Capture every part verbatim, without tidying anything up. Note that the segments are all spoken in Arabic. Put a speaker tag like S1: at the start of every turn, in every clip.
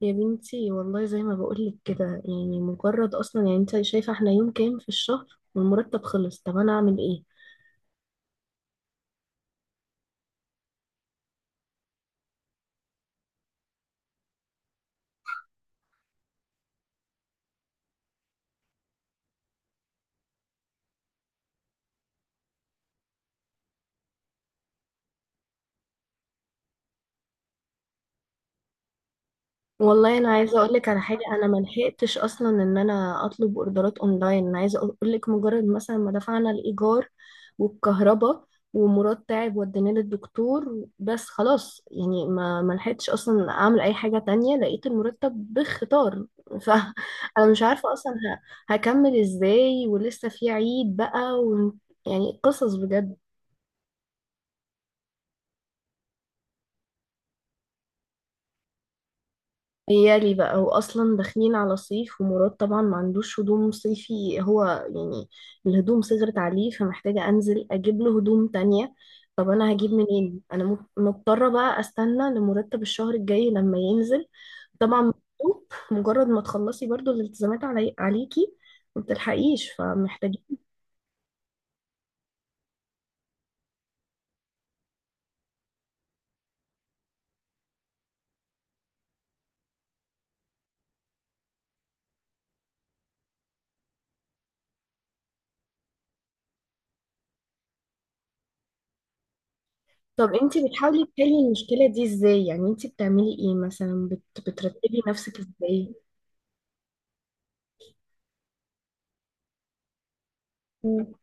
S1: يا بنتي والله زي ما بقولك كده، يعني مجرد اصلا، يعني انت شايفه احنا يوم كام في الشهر والمرتب خلص؟ طب انا اعمل ايه؟ والله انا عايزه اقول لك على حاجه. انا ما لحقتش اصلا ان انا اطلب اوردرات اونلاين. انا عايزه اقول لك مجرد مثلا ما دفعنا الايجار والكهرباء، ومراد تعب وديناه للدكتور، بس خلاص يعني ما ما لحقتش اصلا اعمل اي حاجه تانية. لقيت المرتب بخطار. فانا مش عارفه اصلا ه- هكمل ازاي، ولسه في عيد بقى و... يعني قصص بجد. يالي بقى، واصلا داخلين على صيف، ومراد طبعا ما عندوش هدوم صيفي هو، يعني الهدوم صغرت عليه، فمحتاجة انزل اجيب له هدوم تانية. طب انا هجيب منين؟ انا مض- مضطرة بقى استنى لمرتب الشهر الجاي لما ينزل. طبعا مكتوب، مجرد ما تخلصي برضو الالتزامات علي عليكي، ما بتلحقيش، فمحتاجين. طب انتي بتحاولي تحلي المشكلة دي ازاي؟ يعني انتي بتعملي ايه مثلا بت... بترتبي نفسك ازاي؟ مم.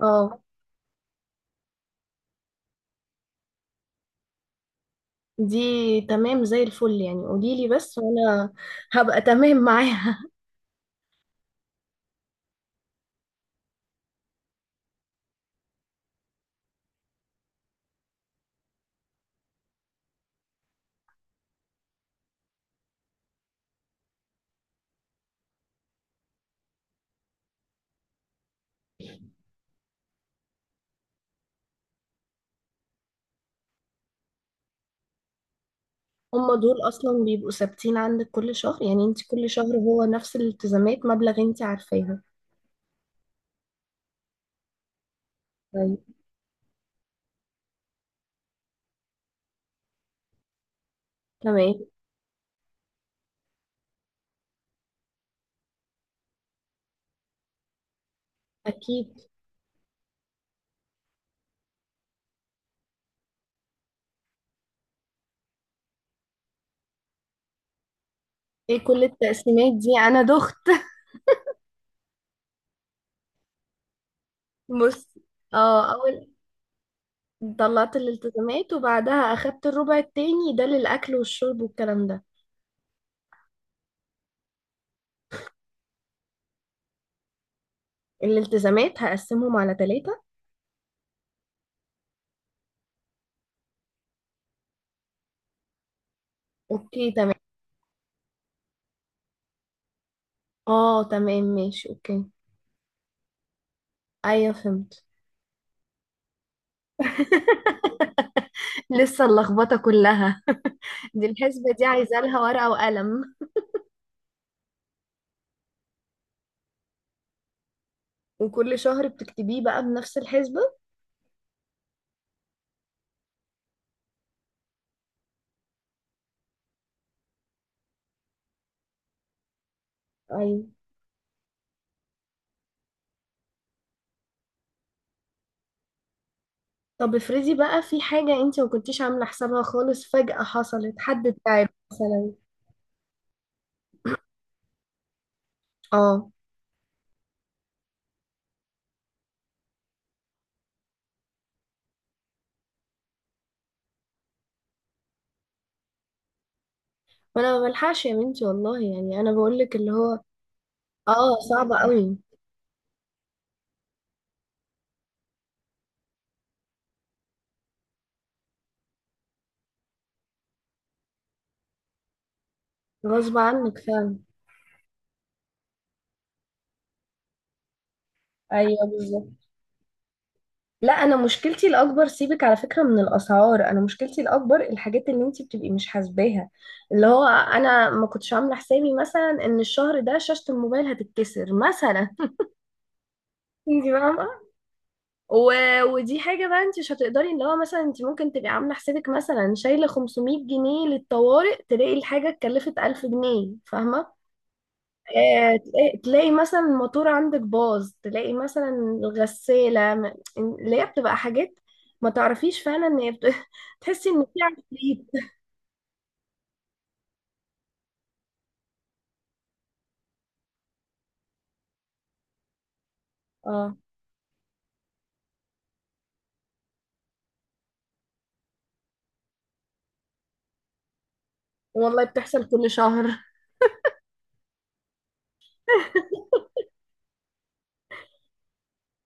S1: اه، دي تمام زي الفل يعني. قوليلي بس وانا هبقى تمام معاها. هما دول اصلا بيبقوا ثابتين عندك كل شهر، يعني انت كل شهر هو نفس الالتزامات، مبلغ انت عارفاها. طيب، تمام. اكيد. ايه كل التقسيمات دي؟ انا دخت. بص، اه، اول طلعت الالتزامات، وبعدها اخدت الربع التاني ده للاكل والشرب والكلام ده. الالتزامات هقسمهم على ثلاثة. اوكي تمام. اه تمام، ماشي اوكي. ايوه فهمت. لسه اللخبطة كلها. دي الحسبة دي عايزة لها ورقة وقلم، وكل شهر بتكتبيه بقى بنفس الحسبة. ايوه. طب افرضي بقى في حاجة انت ما كنتيش عاملة حسابها خالص، فجأة حصلت، حد تعب مثلا. اه، وانا ما بلحقش، يا بنتي والله، يعني انا بقولك اللي هو اه صعب قوي. غصب عنك فعلا. ايوه بالظبط. لا، انا مشكلتي الاكبر، سيبك على فكره من الاسعار، انا مشكلتي الاكبر الحاجات اللي انت بتبقي مش حاسباها. اللي هو انا ما كنتش عامله حسابي مثلا ان الشهر ده شاشه الموبايل هتتكسر مثلا. انت فاهمه. و- ودي حاجه بقى انت مش هتقدري، اللي هو مثلا انت ممكن تبقي عامله حسابك مثلا شايله خمسمية جنيه للطوارئ، تلاقي الحاجه اتكلفت ألف جنيه، فاهمه؟ آه، تلاقي تلاقي مثلا الموتور عندك باظ، تلاقي مثلا الغسالة م- اللي هي بتبقى حاجات ما تعرفيش فعلا ان هي بت... تحسي ان في عفريت. اه والله بتحصل كل شهر.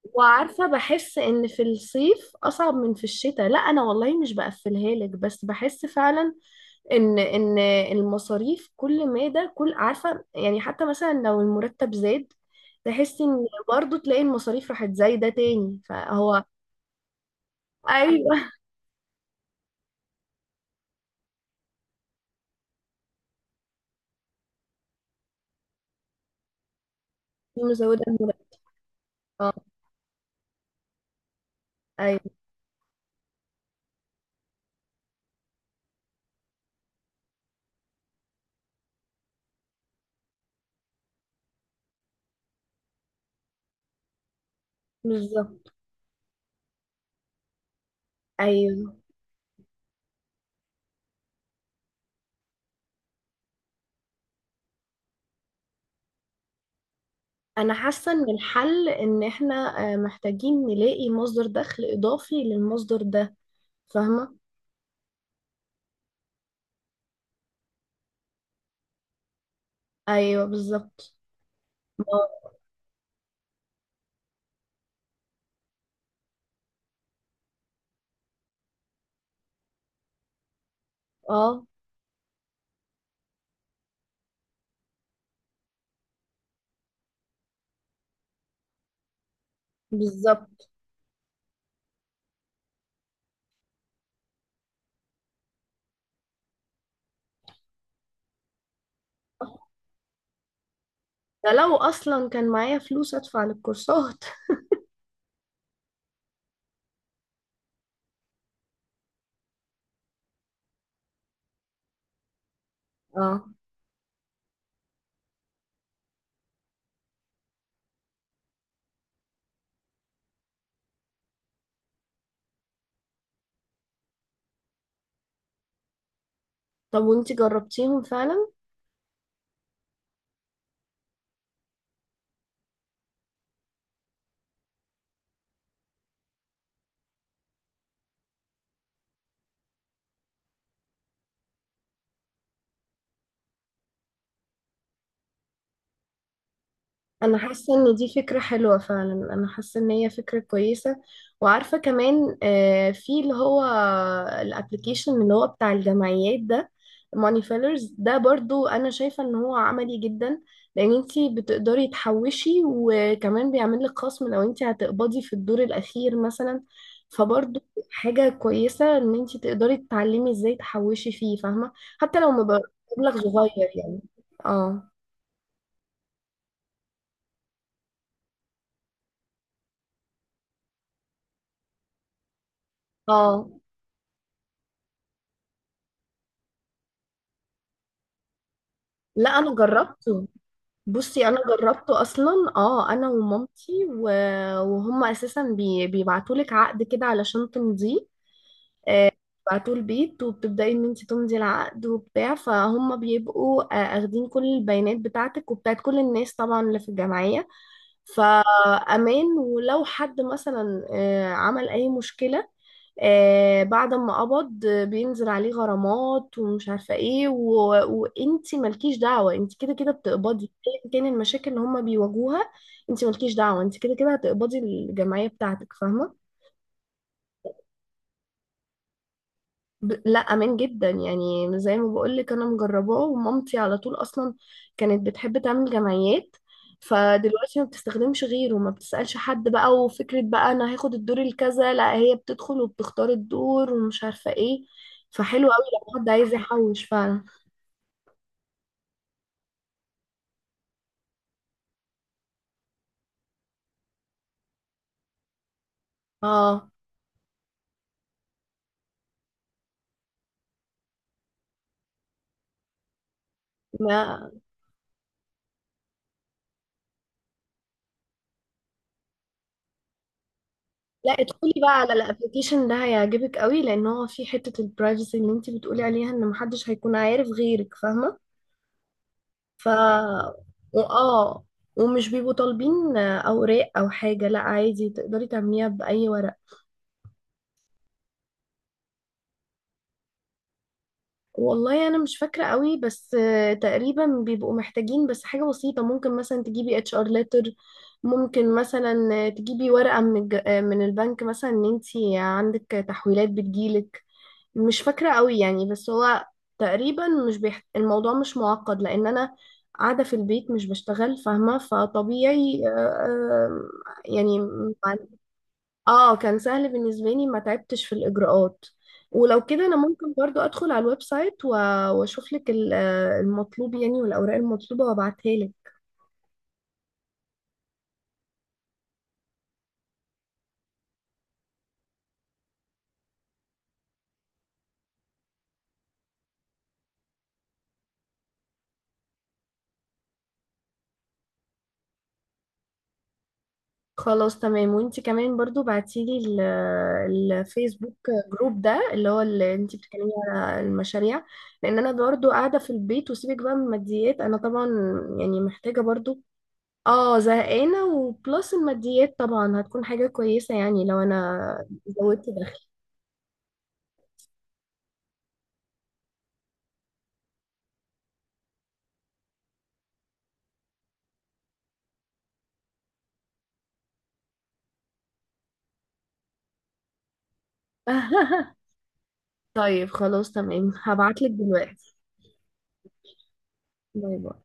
S1: وعارفة بحس ان في الصيف اصعب من في الشتاء. لا، انا والله مش بقفلها لك، بس بحس فعلا ان ان المصاريف، كل ما ده كل، عارفة يعني، حتى مثلا لو المرتب زاد تحسي ان برضه تلاقي المصاريف راحت زايدة تاني، فهو ايوه. مزودة المرونة. اه ايوه بالظبط. ايوه. انا حاسة ان الحل ان احنا آه، محتاجين نلاقي مصدر دخل اضافي للمصدر ده، فاهمة؟ ايوه بالظبط. ما- اه بالظبط. ده لو اصلا كان معايا فلوس ادفع للكورسات. اه، طب وانتي جربتيهم فعلا؟ انا حاسه ان دي فكره حلوه فعلا، انا حاسه ان هي فكره كويسه. وعارفه كمان آه، في اللي هو الابلكيشن اللي هو بتاع الجمعيات ده، ماني فيلرز ده، برضو انا شايفه ان هو عملي جدا، لان انتي بتقدري تحوشي، وكمان بيعمل لك خصم لو انتي هتقبضي في الدور الاخير مثلا. فبرضو حاجه كويسه ان انتي تقدري تتعلمي ازاي تحوشي فيه، فاهمه؟ حتى لو مبلغ صغير يعني. اه. اه. لا انا جربته. بصي انا جربته اصلا. اه انا ومامتي و... وهم اساسا بي... بيبعتوا لك عقد كده علشان تمضيه. آه، بيبعتوه البيت، وبتبداي ان انت تمضي العقد وبتاع. فهم بيبقوا آه، اخدين كل البيانات بتاعتك وبتاعت كل الناس طبعا اللي في الجمعيه. فأمان. ولو حد مثلا آه، عمل أي مشكلة آه، بعد ما قبض، آه، بينزل عليه غرامات ومش عارفة ايه و... وانتي مالكيش دعوة، انتي كده كده بتقبضي ايا كان المشاكل اللي هما بيواجهوها. انتي مالكيش دعوة، انتي كده كده هتقبضي الجمعية بتاعتك، فاهمة؟ ب... لا امان جدا يعني. زي ما بقول لك انا مجرباه، ومامتي على طول اصلا كانت بتحب تعمل جمعيات، فدلوقتي ما بتستخدمش غيره، ما بتسألش حد بقى. وفكرة بقى انا هاخد الدور الكذا، لا، هي بتدخل وبتختار الدور ومش عارفة ايه. فحلو قوي لو حد عايز يحوش فعلا. اه. ما لا، ادخلي بقى على الابلكيشن ده، هيعجبك قوي، لان هو فيه حتة البرايفسي اللي انت بتقولي عليها، ان محدش هيكون عارف غيرك، فاهمة؟ ف واه ومش بيبقوا طالبين اوراق او حاجه، لا عادي تقدري تعمليها باي ورق. والله انا مش فاكره قوي، بس آه، تقريبا بيبقوا محتاجين بس حاجه بسيطه، ممكن مثلا تجيبي اتش ار ليتر، ممكن مثلا آه، تجيبي ورقه من الج... آه، من البنك مثلا ان انت عندك تحويلات بتجيلك. مش فاكرة قوي يعني، بس هو تقريبا مش بيح... الموضوع مش معقد، لأن أنا قاعدة في البيت مش بشتغل، فاهمة؟ فطبيعي آه، آه، يعني م- اه كان سهل بالنسبة لي، ما تعبتش في الإجراءات. ولو كده أنا ممكن برضو أدخل على الويب سايت و- وأشوف لك ال- آه، المطلوب يعني، والأوراق المطلوبة وأبعتها لك. خلاص تمام. وانت كمان برضو بعتيلي ال- الفيسبوك جروب ده، اللي هو اللي انت بتتكلمي على المشاريع. لان انا برضو قاعده في البيت، وسيبك بقى من الماديات، انا طبعا يعني محتاجه برضو. اه زهقانه، وبلس الماديات طبعا هتكون حاجه كويسه يعني لو انا زودت دخل. طيب خلاص تمام، هبعتلك دلوقتي. باي باي.